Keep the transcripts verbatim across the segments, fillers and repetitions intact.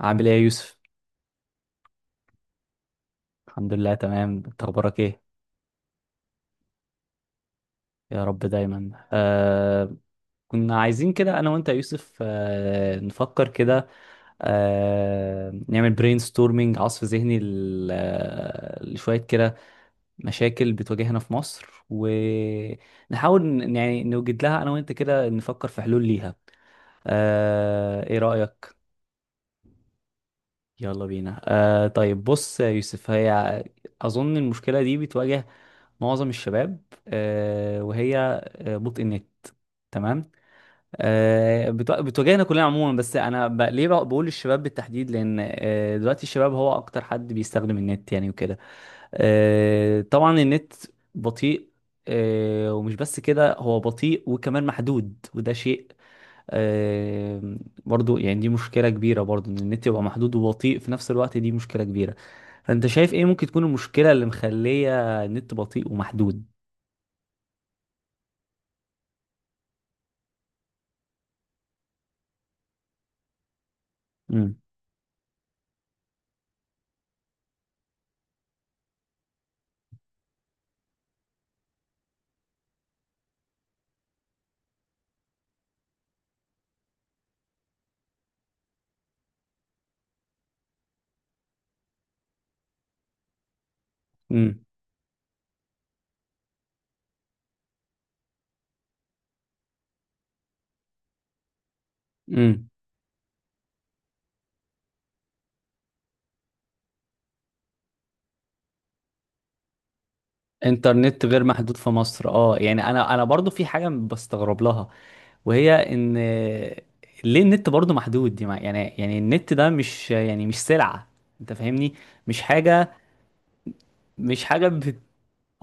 عامل ايه يا يوسف؟ الحمد لله، تمام. انت اخبارك ايه؟ يا رب دايما. آه كنا عايزين كده انا وانت يا يوسف، آه نفكر كده. آه نعمل برين ستورمينج، عصف ذهني ل- آه، لشوية كده مشاكل بتواجهنا في مصر، ونحاول ن- يعني نوجد لها انا وانت، كده نفكر في حلول ليها. آه ايه رأيك؟ يلا بينا. آه طيب بص يا يوسف، هي اظن المشكلة دي بتواجه معظم الشباب، آه، وهي آه، بطء النت. تمام. آه، بت- بتواجهنا كلنا عموما، بس انا ب... ليه بق- بقول الشباب بالتحديد؟ لان آه، دلوقتي الشباب هو اكتر حد بيستخدم النت يعني وكده. آه، طبعا النت بطيء، آه، ومش بس كده، هو بطيء وكمان محدود. وده شيء آه، برضو، يعني دي مشكلة كبيرة، برضو ان النت يبقى محدود وبطيء في نفس الوقت، دي مشكلة كبيرة. فانت شايف ايه ممكن تكون المشكلة اللي مخلية النت بطيء ومحدود؟ امم. امم. انترنت غير محدود في مصر. اه، يعني انا انا برضو في حاجه بستغرب لها، وهي ان ليه النت برضو محدود؟ دي مع- يعني يعني النت ده مش، يعني مش سلعه، انت فاهمني؟ مش حاجه، مش حاجه بت...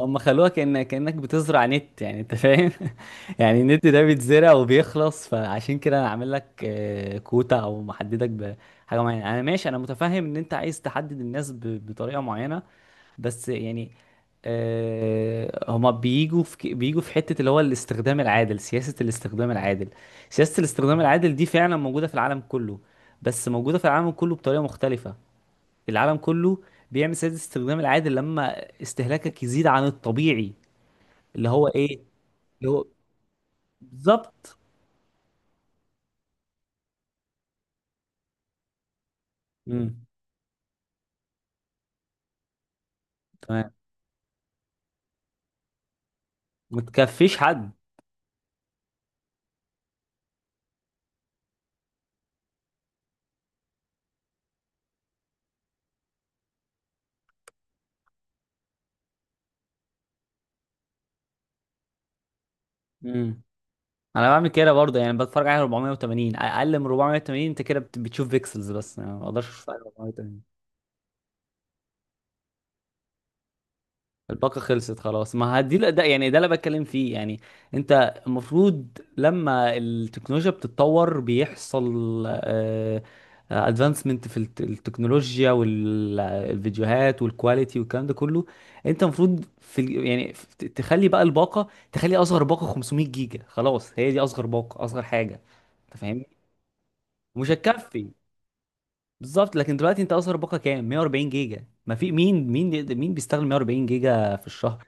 هم خلوها كأن كأنك بتزرع نت يعني، انت فاهم؟ يعني النت ده بيتزرع وبيخلص، فعشان كده انا عامل لك آه، كوتا او محددك بحاجه معينه. انا ماشي، انا متفهم ان انت عايز تحدد الناس ب- بطريقه معينه. بس يعني آه، هما بيجوا في ك- بيجوا في حتة اللي هو الاستخدام العادل، سياسة الاستخدام العادل. سياسة الاستخدام العادل دي فعلا موجودة في العالم كله، بس موجودة في العالم كله بطريقة مختلفة. العالم كله بيعمل سياسة الاستخدام العادل لما استهلاكك يزيد عن الطبيعي، اللي هو ايه؟ اللي هو بالظبط. امم. تمام. متكفيش حد. امم. انا بعمل كده برضه، يعني بتفرج على اربعمية وتمانين، اقل من اربعمية وتمانين. انت كده بت- بتشوف بيكسلز بس يعني، ما اقدرش اشوف أقل من اربعمية وتمانين. الباقة خلصت خلاص، ما هدي ده يعني، ده اللي بتكلم فيه يعني. انت المفروض لما التكنولوجيا بتتطور، بيحصل ادفانسمنت في الت- التكنولوجيا والفيديوهات والكواليتي والكلام ده كله. انت المفروض في ال- يعني في- ت- تخلي بقى الباقة، تخلي اصغر باقة خمسمائة جيجا خلاص، هي دي اصغر باقة، اصغر حاجة. انت فاهمني؟ مش هتكفي. بالظبط. لكن دلوقتي انت اصغر باقة كام؟ مية واربعين جيجا. ما في مين، مين يقدر- مين بيستخدم مية واربعين جيجا في الشهر؟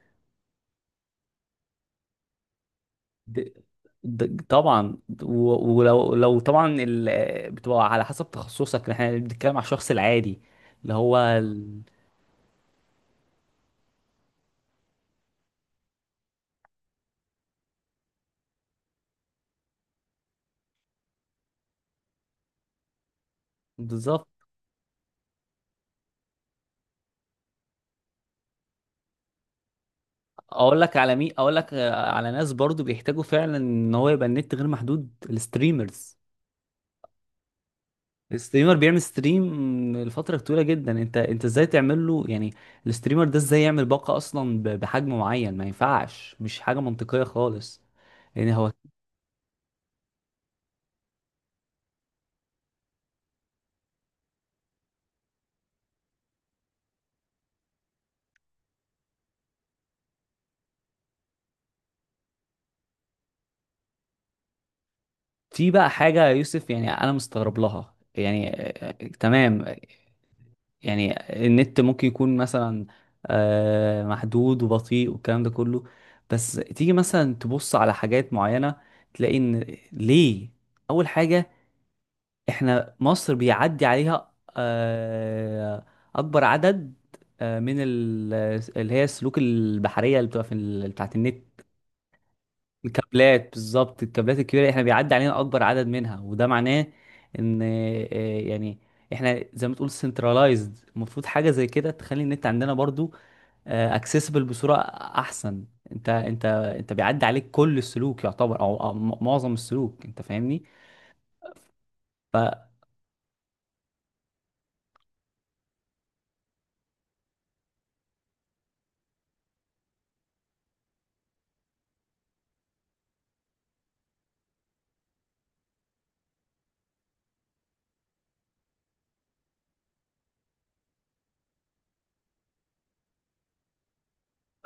د- د- طبعا، و- ولو لو طبعا، ال- بتبقى على حسب تخصصك. احنا بنتكلم على الشخص العادي، اللي هو ال- بالظبط. اقول لك على مين، اقول لك على ناس برضو بيحتاجوا فعلا ان هو يبقى النت غير محدود: الستريمرز. الستريمر بيعمل ستريم لفترة طويلة جدا، انت انت ازاي تعمل له يعني؟ الستريمر ده ازاي يعمل باقة اصلا ب- بحجم معين؟ ما ينفعش، مش حاجة منطقية خالص، يعني هو. في بقى حاجة يا يوسف يعني أنا مستغرب لها يعني آه، تمام. يعني النت ممكن يكون مثلا آه، محدود وبطيء والكلام ده كله، بس تيجي مثلا تبص على حاجات معينة، تلاقي إن ليه. أول حاجة، إحنا مصر بيعدي عليها آه، أكبر عدد آه، من ال- اللي هي السلوك البحرية اللي بتبقى في ال- بتاعت النت. الكابلات، بالظبط، الكابلات الكبيره، احنا بيعدي علينا اكبر عدد منها، وده معناه ان آه، يعني احنا زي ما تقول سنترلايزد، المفروض حاجه زي كده تخلي النت عندنا برضو اكسسبل بصوره احسن. انت انت انت بيعدي عليك كل السلوك يعتبر، او أو م- معظم السلوك، انت فاهمني؟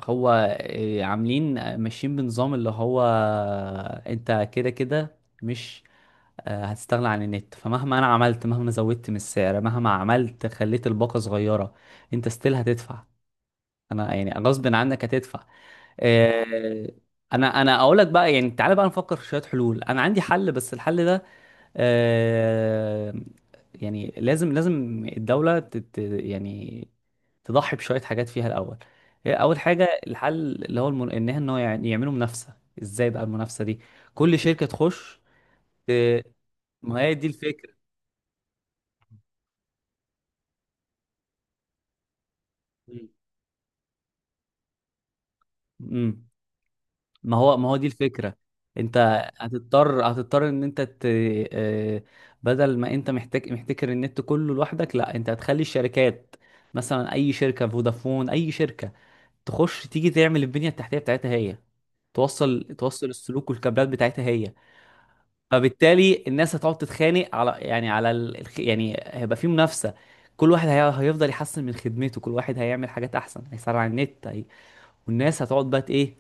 هو آه، عاملين آه، ماشيين بنظام اللي هو آه، انت كده كده مش آه، هتستغنى عن النت، فمهما انا عملت، مهما زودت من السعر، مهما عملت خليت الباقة صغيرة، انت ستيل هتدفع، انا يعني غصب عنك هتدفع. آه، انا انا اقول لك بقى يعني، تعالى بقى نفكر في شوية حلول. انا عندي حل، بس الحل ده آه، يعني لازم لازم الدولة تت، يعني تضحي بشوية حاجات فيها الأول. هي أول حاجة الحل، اللي هو المن... إن هن- يعني يعملوا منافسة. إزاي بقى المنافسة دي؟ كل شركة تخش ت- ما هي دي الفكرة. مم. امم. ما هو ما هو دي الفكرة. انت هتضطر هتضطر ان انت ت... آه، بدل ما انت محتاج محتكر النت كله لوحدك، لا، انت هتخلي الشركات مثلا، اي شركة، فودافون، اي شركة، تخش تيجي تعمل البنية التحتية بتاعتها هي، توصل، توصل السلوك والكابلات بتاعتها هي. فبالتالي الناس هتقعد تتخانق على، يعني على ال... الخ- يعني هيبقى في منافسة. كل واحد هي... هيفضل يحسن من خدمته، كل واحد هيعمل حاجات احسن، هيسرع النت، والناس هتقعد بقى ت- ايه،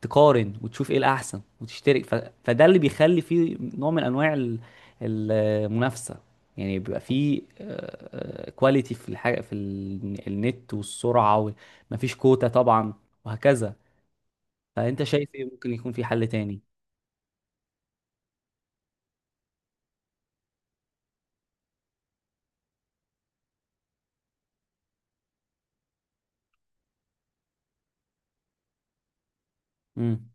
تقارن وتشوف ايه الاحسن، وتشترك ف... فده اللي بيخلي فيه نوع من انواع ال- المنافسه يعني، بيبقى فيه كواليتي في الحاجه، في ال- النت والسرعه وال- مفيش كوتا طبعا، وهكذا. فانت شايف ايه ممكن يكون في حل تاني؟ امم.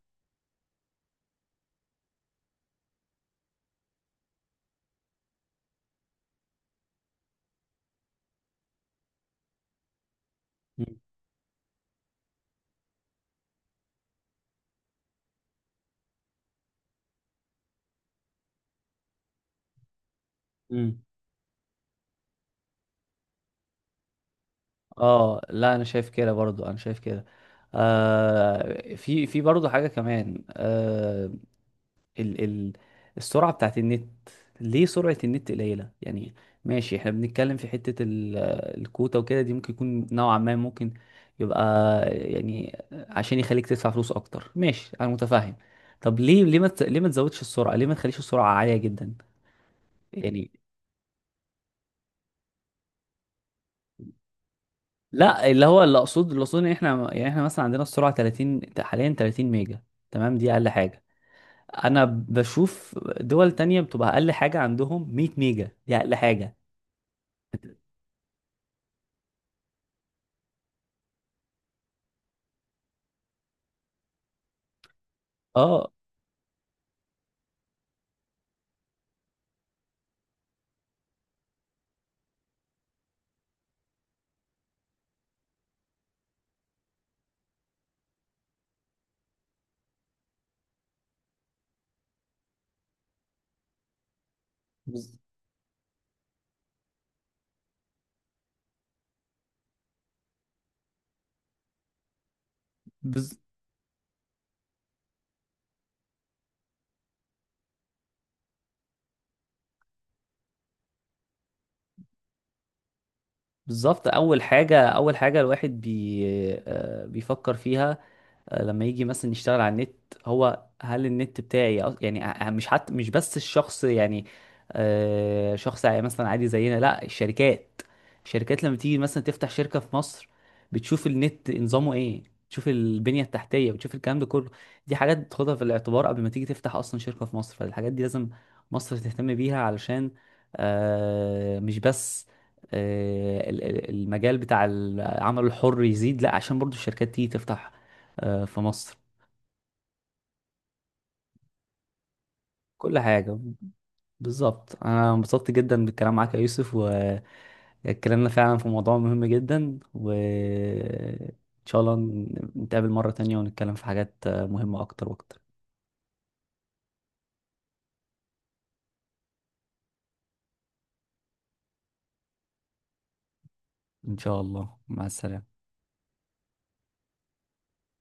امم. اه لا، انا شايف كده برضو، انا شايف كده. آه، في في برضو حاجه كمان، آه، ال ال السرعة بتاعت النت. ليه سرعة النت قليلة يعني؟ ماشي، احنا بنتكلم في حتة ال- الكوتا وكده، دي ممكن يكون نوعا ما ممكن يبقى، يعني عشان يخليك تدفع فلوس اكتر، ماشي، انا متفاهم. طب ليه، ليه ما تز- ليه ما تزودش السرعة؟ ليه ما تخليش السرعة عالية جدا يعني؟ لا اللي هو، اللي اقصد اللي اقصد ان احنا، يعني احنا مثلا عندنا السرعة تلاتين حاليا، تلاتين ميجا، تمام، دي اقل حاجة. انا بشوف دول تانية بتبقى اقل حاجة عندهم مية ميجا، دي اقل حاجة. اه. بز... بز... بالظبط. اول حاجه، اول حاجه الواحد بي... آه، بيفكر فيها آه، لما يجي مثلا يشتغل على النت، هو هل النت بتاعي؟ أص- يعني ع- مش، حتى مش بس الشخص يعني آه، شخص عادي، مثلا عادي زينا، لا، الشركات. الشركات لما تيجي مثلا تفتح شركة في مصر، بتشوف النت نظامه ايه، بتشوف البنية التحتية، بتشوف الكلام ده كله. دي حاجات تاخدها في الاعتبار قبل ما تيجي تفتح اصلا شركة في مصر، فالحاجات دي لازم مصر تهتم بيها علشان آه، مش بس آه، ال- ال- المجال بتاع العمل الحر يزيد، لا، عشان برضو الشركات تيجي تفتح آه، في مصر. كل حاجة. بالظبط، انا انبسطت جدا بالكلام معاك يا يوسف، واتكلمنا فعلا في موضوع مهم جدا، وان شاء الله نتقابل مرة تانية ونتكلم في حاجات آه، مهمة اكتر واكتر. ان شاء الله، مع السلامة.